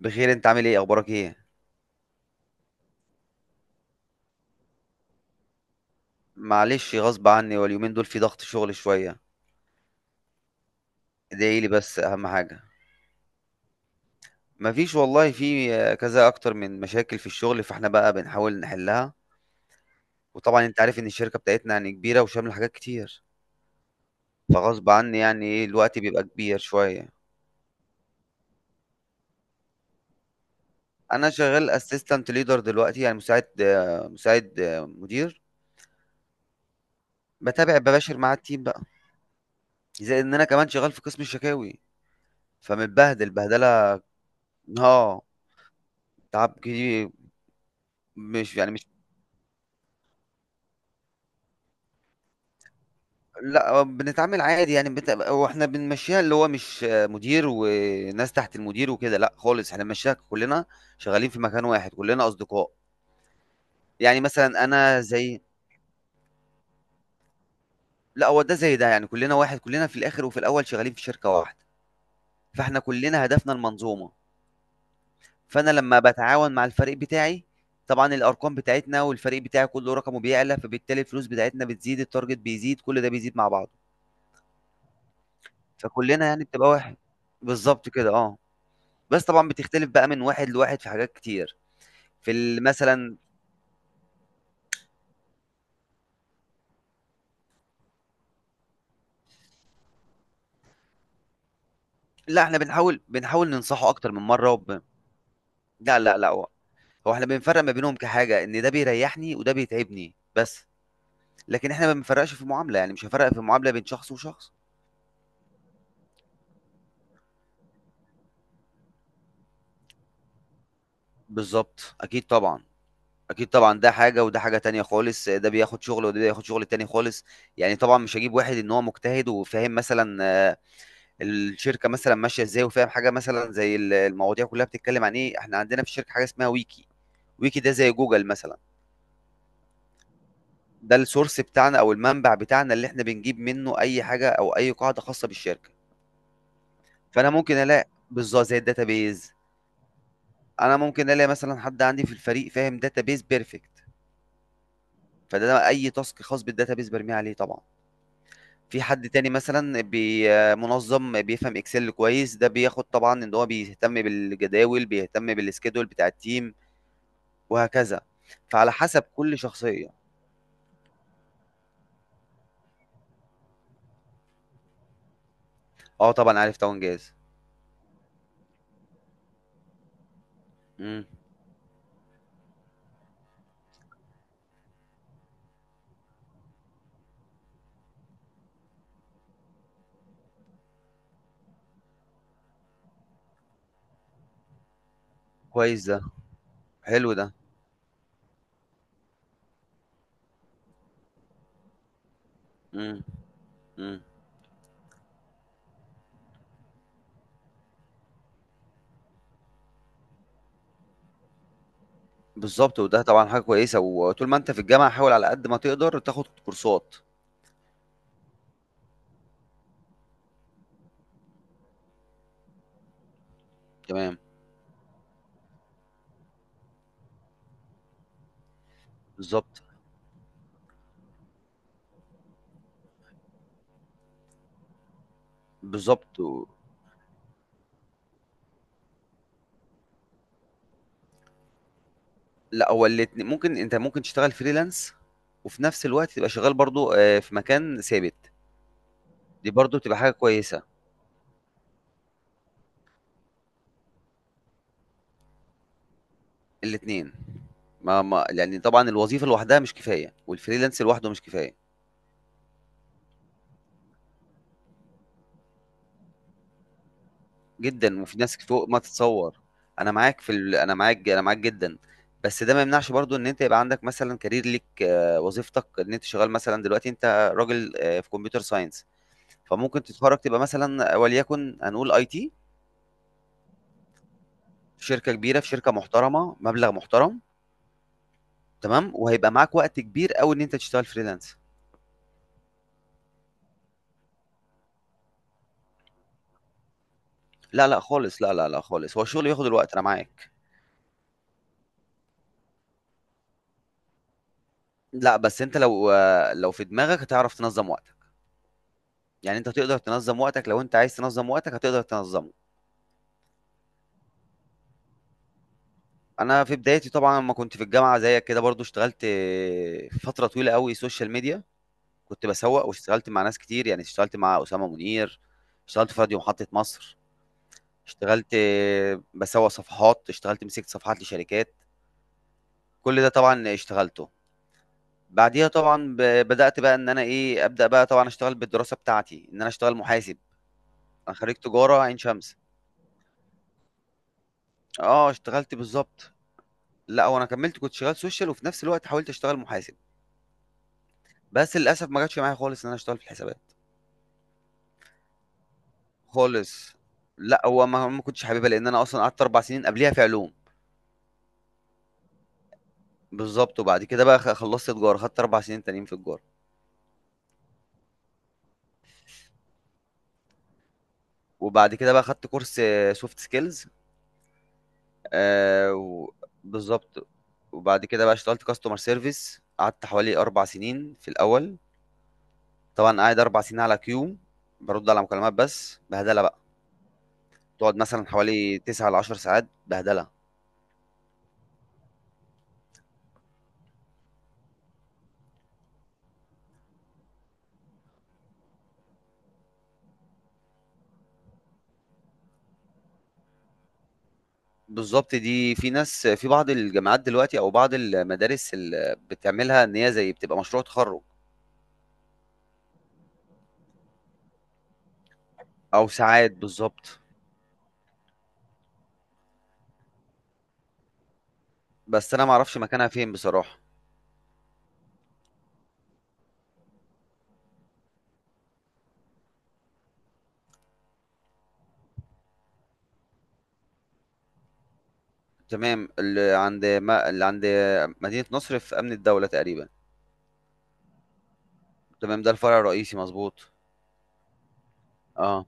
بخير، انت عامل ايه؟ اخبارك ايه؟ معلش، غصب عني واليومين دول في ضغط شغل شويه. ادعي لي، بس اهم حاجه. مفيش والله، في كذا اكتر من مشاكل في الشغل، فاحنا بقى بنحاول نحلها. وطبعا انت عارف ان الشركه بتاعتنا يعني كبيره وشامله حاجات كتير. فغصب عني، يعني ايه، الوقت بيبقى كبير شويه. انا شغال اسيستنت ليدر دلوقتي، يعني مساعد مساعد مدير. بتابع بباشر مع التيم بقى. زي ان انا كمان شغال في قسم الشكاوي. فمتبهدل بهدله. اه، تعب كتير. مش يعني مش لا، بنتعامل عادي، يعني هو احنا بنمشيها، اللي هو مش مدير وناس تحت المدير وكده، لا خالص، احنا بنمشيها كلنا. شغالين في مكان واحد، كلنا اصدقاء. يعني مثلا انا زي. لا، هو ده زي ده، يعني كلنا واحد، كلنا في الاخر وفي الاول شغالين في شركة واحدة. فاحنا كلنا هدفنا المنظومة. فانا لما بتعاون مع الفريق بتاعي، طبعا الارقام بتاعتنا والفريق بتاعي كله رقمه بيعلى، فبالتالي الفلوس بتاعتنا بتزيد، التارجت بيزيد، كل ده بيزيد مع بعضه. فكلنا يعني بتبقى واحد. بالظبط كده، اه. بس طبعًا بتختلف بقى من واحد لواحد في حاجات كتير، في ال مثلًا. لأ، إحنا بنحاول ننصحه أكتر من مرّة لأ، لأ، لأ، هو إحنا بنفرّق ما بينهم كحاجة، إن ده بيريّحني وده بيتعبني بس، لكن إحنا ما بنفرّقش في المعاملة، يعني مش هافرّق في المعاملة بين شخص وشخص. بالضبط، أكيد طبعًا، أكيد طبعًا، ده حاجة وده حاجة تانية خالص، ده بياخد شغل وده بياخد شغل تاني خالص. يعني طبعًا مش هاجيب واحد إن هو مجتهد وفاهم مثلًا، الشركة مثلًا ماشية إزاي، وفاهم حاجة مثلًا زي ال المواضيع كلّها بتتكلّم عن إيه. إحنا عندنا في الشركة حاجة اسمها wiki، ويكي ده زي جوجل مثلا. ده السورس بتاعنا او المنبع بتاعنا، اللي احنا بنجيب منه اي حاجه او اي قاعده خاصه بالشركه. فانا ممكن الاقي بالظبط زي الداتابيز. انا ممكن الاقي مثلا حد عندي في الفريق فاهم داتابيز بيرفكت. فده أنا اي تاسك خاص بالداتابيز برميه عليه طبعا. في حد تاني مثلا منظم بيفهم اكسل كويس، ده بياخد طبعا، ان هو بيهتم بالجداول، بيهتم بالسكيدول بتاع التيم. وهكذا. فعلى حسب كل شخصيه. اه طبعا عارف، طبعا جاهز. امم كويس ده، حلو ده. إمم، إمم، بالضبط، وده طبعًا حاجة كويسة، وطول ما أنت في الجامعة حاول على قد ما تقدر تاخد كورسات. تمام. بالضبط. بالضبط، و. لأ، هو الاتن ممكن، أنت ممكن تشتغل freelance وفي نفس الوقت تبقى شغال برضه في مكان ثابت. دي برضه بتبقى حاجة كويسة. الاتنين. ما ما لإن طبعًا الوظيفة لوحدها مش كفاية، والfreelance لوحده مش كفاية. جدًا، وفي ناس فوق ما تتصوّر. أنا معاك في ال أنا معاك أنا معاك جدًا. بس ده ما يمنعش برضه إن أنت يبقى عندك مثلًا career ليك، وظيفتك، إن أنت شغّال مثلًا دلوقتي أنت راجل في computer science. فممكن تتخرّج تبقى مثلًا وليكن هنقول IT في شركة كبيرة، في شركة محترمة، مبلغ محترم. تمام، وهيبقى معاك وقت كبير أوي إن أنت تشتغل freelance. لا، لأ خالص، لا، لا، لأ خالص، هو الشغل بياخد الوقت أنا معاك. لأ، بس أنت لو لو في دماغك هتعرف تنظّم وقتك، يعني أنت هتقدر تنظّم وقتك، لو أنت عايز تنظّم وقتك هتقدر تنظّمه. انا في بدايتي طبعا لما كنت في الجامعه زيك كده، برضو اشتغلت فتره طويله قوي سوشيال ميديا. كنت بسوق، واشتغلت مع ناس كتير، يعني اشتغلت مع اسامه منير. اشتغلت في راديو محطه مصر. اشتغلت بسوق صفحات، اشتغلت مسكت صفحات لشركات. كل ده طبعا اشتغلته. بعديها طبعا بدات بقى ان انا ايه، ابدا بقى طبعا اشتغل بالدراسه بتاعتي، ان انا اشتغل محاسب. انا خريج تجاره عين شمس. اه اشتغلت بالظبط. لا، وانا كملت كنت شغال سوشيال وفي نفس الوقت حاولت اشتغل محاسب. بس للاسف ما جاتش معايا خالص ان انا اشتغل في الحسابات. خالص. لا، هو ما كنتش حاببها لان انا اصلا قعدت اربع سنين قبليها في علوم. بالظبط، وبعد كده بقى خلصت تجاره، خدت اربع سنين تانيين في تجاره. وبعد كده بقى خدت كورس سوفت سكيلز. آه و- بالظبط. وبعد كده بقى اشتغلت كاستمر سيرفيس، قعدت حوالي اربع سنين في الاول. طبعا قاعد اربع سنين على كيو. برد على مكالمات، بس بهدله بقى. تقعد مثلا حوالي 9 ل 10 ساعات بهدله. بالضبط، دي في ناس في بعض الجامعات دلوقتي أو بعض المدارس ال بتعملها، إن هي زي بتبقى مشروع تخرُّج. أو ساعات، بالضبط. بس أنا ما أعرفش مكانها فين بصراحة. تمام، اللي عند ما اللي عند مدينة نصر في أمن الدولة تقريبًا. تمام، ده الفرع الرئيسي مضبوط. آه.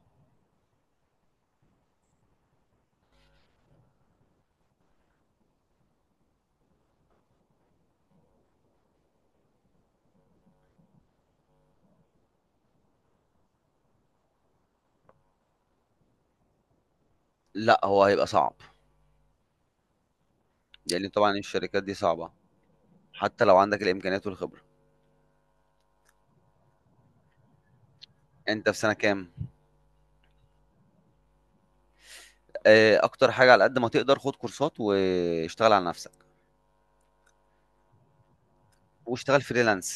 لأ، هو هيبقى صعب. لإن طبعًا الشركات دي صعبة، حتى لو عندك الإمكانيات والخبرة. أنت في سَنة كام؟ أكتر حاجة، على قد ما تقدر خُد كورسات، واشتغل على نَفْسك، واشتغل freelance.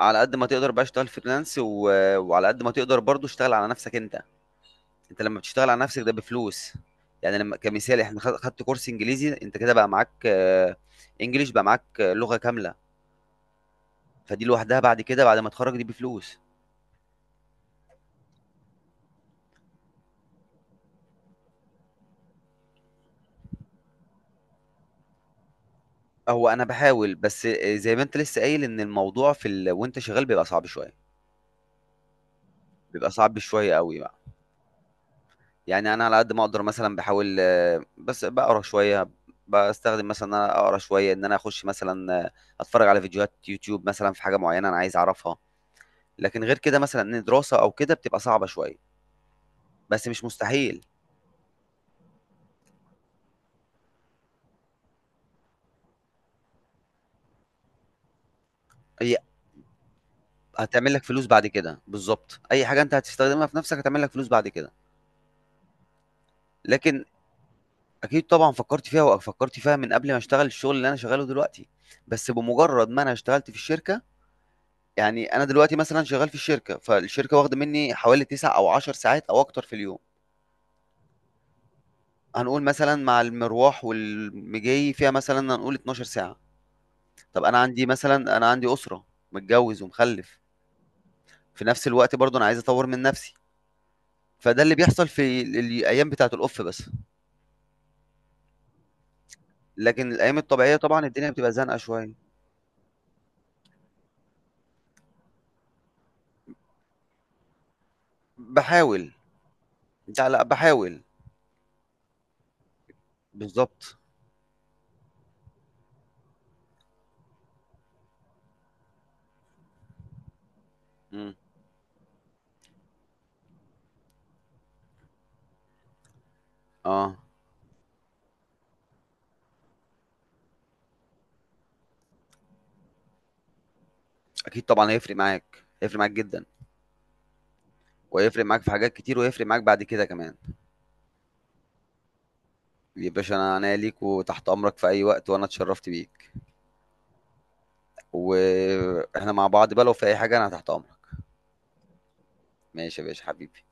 على قد ما تقدر بقى اشتغل فريلانس، و... وعلى قد ما تقدر برضو اشتغل على نفسك انت. انت لما بتشتغل على نفسك ده بفلوس، يعني لما كمثال، احنا خدت كورس انجليزي، انت كده بقى معاك، انجليش بقى معاك، لغة كاملة. فدي لوحدها بعد كده، بعد ما تخرج دي بفلوس. هو انا بحاول بس، زي ما انت لسه قايل ان الموضوع في ال، وانت شغال بيبقى صعب شوية. بيبقى صعب شوية قوي. يعني انا على قد ما اقدر مثلا بحاول، بس بقرا شويه. بستخدم مثلا ان انا اقرا شويه، ان انا اخش مثلا، اتفرج على فيديوهات يوتيوب مثلا في حاجه معينه انا عايز اعرفها. لكن غير كده مثلا ان دراسه او كده، بتبقى صعبه شويه. بس مش مستحيل. هي هتعمل لك فلوس بعد كده، بالظبط، اي حاجه انت هتستخدمها في نفسك هتعمل لك فلوس بعد كده. لكن اكيد طبعا فكرت فيها، وفكرت فيها من قبل ما اشتغل الشغل اللي انا شغاله دلوقتي. بس بمجرد ما انا اشتغلت في الشركه، يعني انا دلوقتي مثلا شغال في الشركه، فالشركه واخده مني حوالي 9 او 10 ساعات او اكتر في اليوم. هنقول مثلا مع المروح والمجي فيها، مثلا هنقول 12 ساعه. طب انا عندي مثلا، انا عندي اسره، متجوز ومخلف. في نفس الوقت برضه انا عايز اطور من نفسي. فده اللي بيحصل في الايام بتاعه الاوف بس. لكن الايام الطبيعيه طبعا الدنيا بتبقى زنقه شويه. بحاول. لا، لا، بحاول. بالظبط. مم. اه، اكيد طبعا، هيفرق معاك جدا، وهيفرق معاك في حاجات كتير، وهيفرق معاك بعد كده كمان. يا باشا، انا عناية ليك وتحت امرك في اي وقت، وانا اتشرفت بيك. واحنا مع بعض بقى، لو في اي حاجه انا تحت امرك. ماشي يا باشا حبيبي.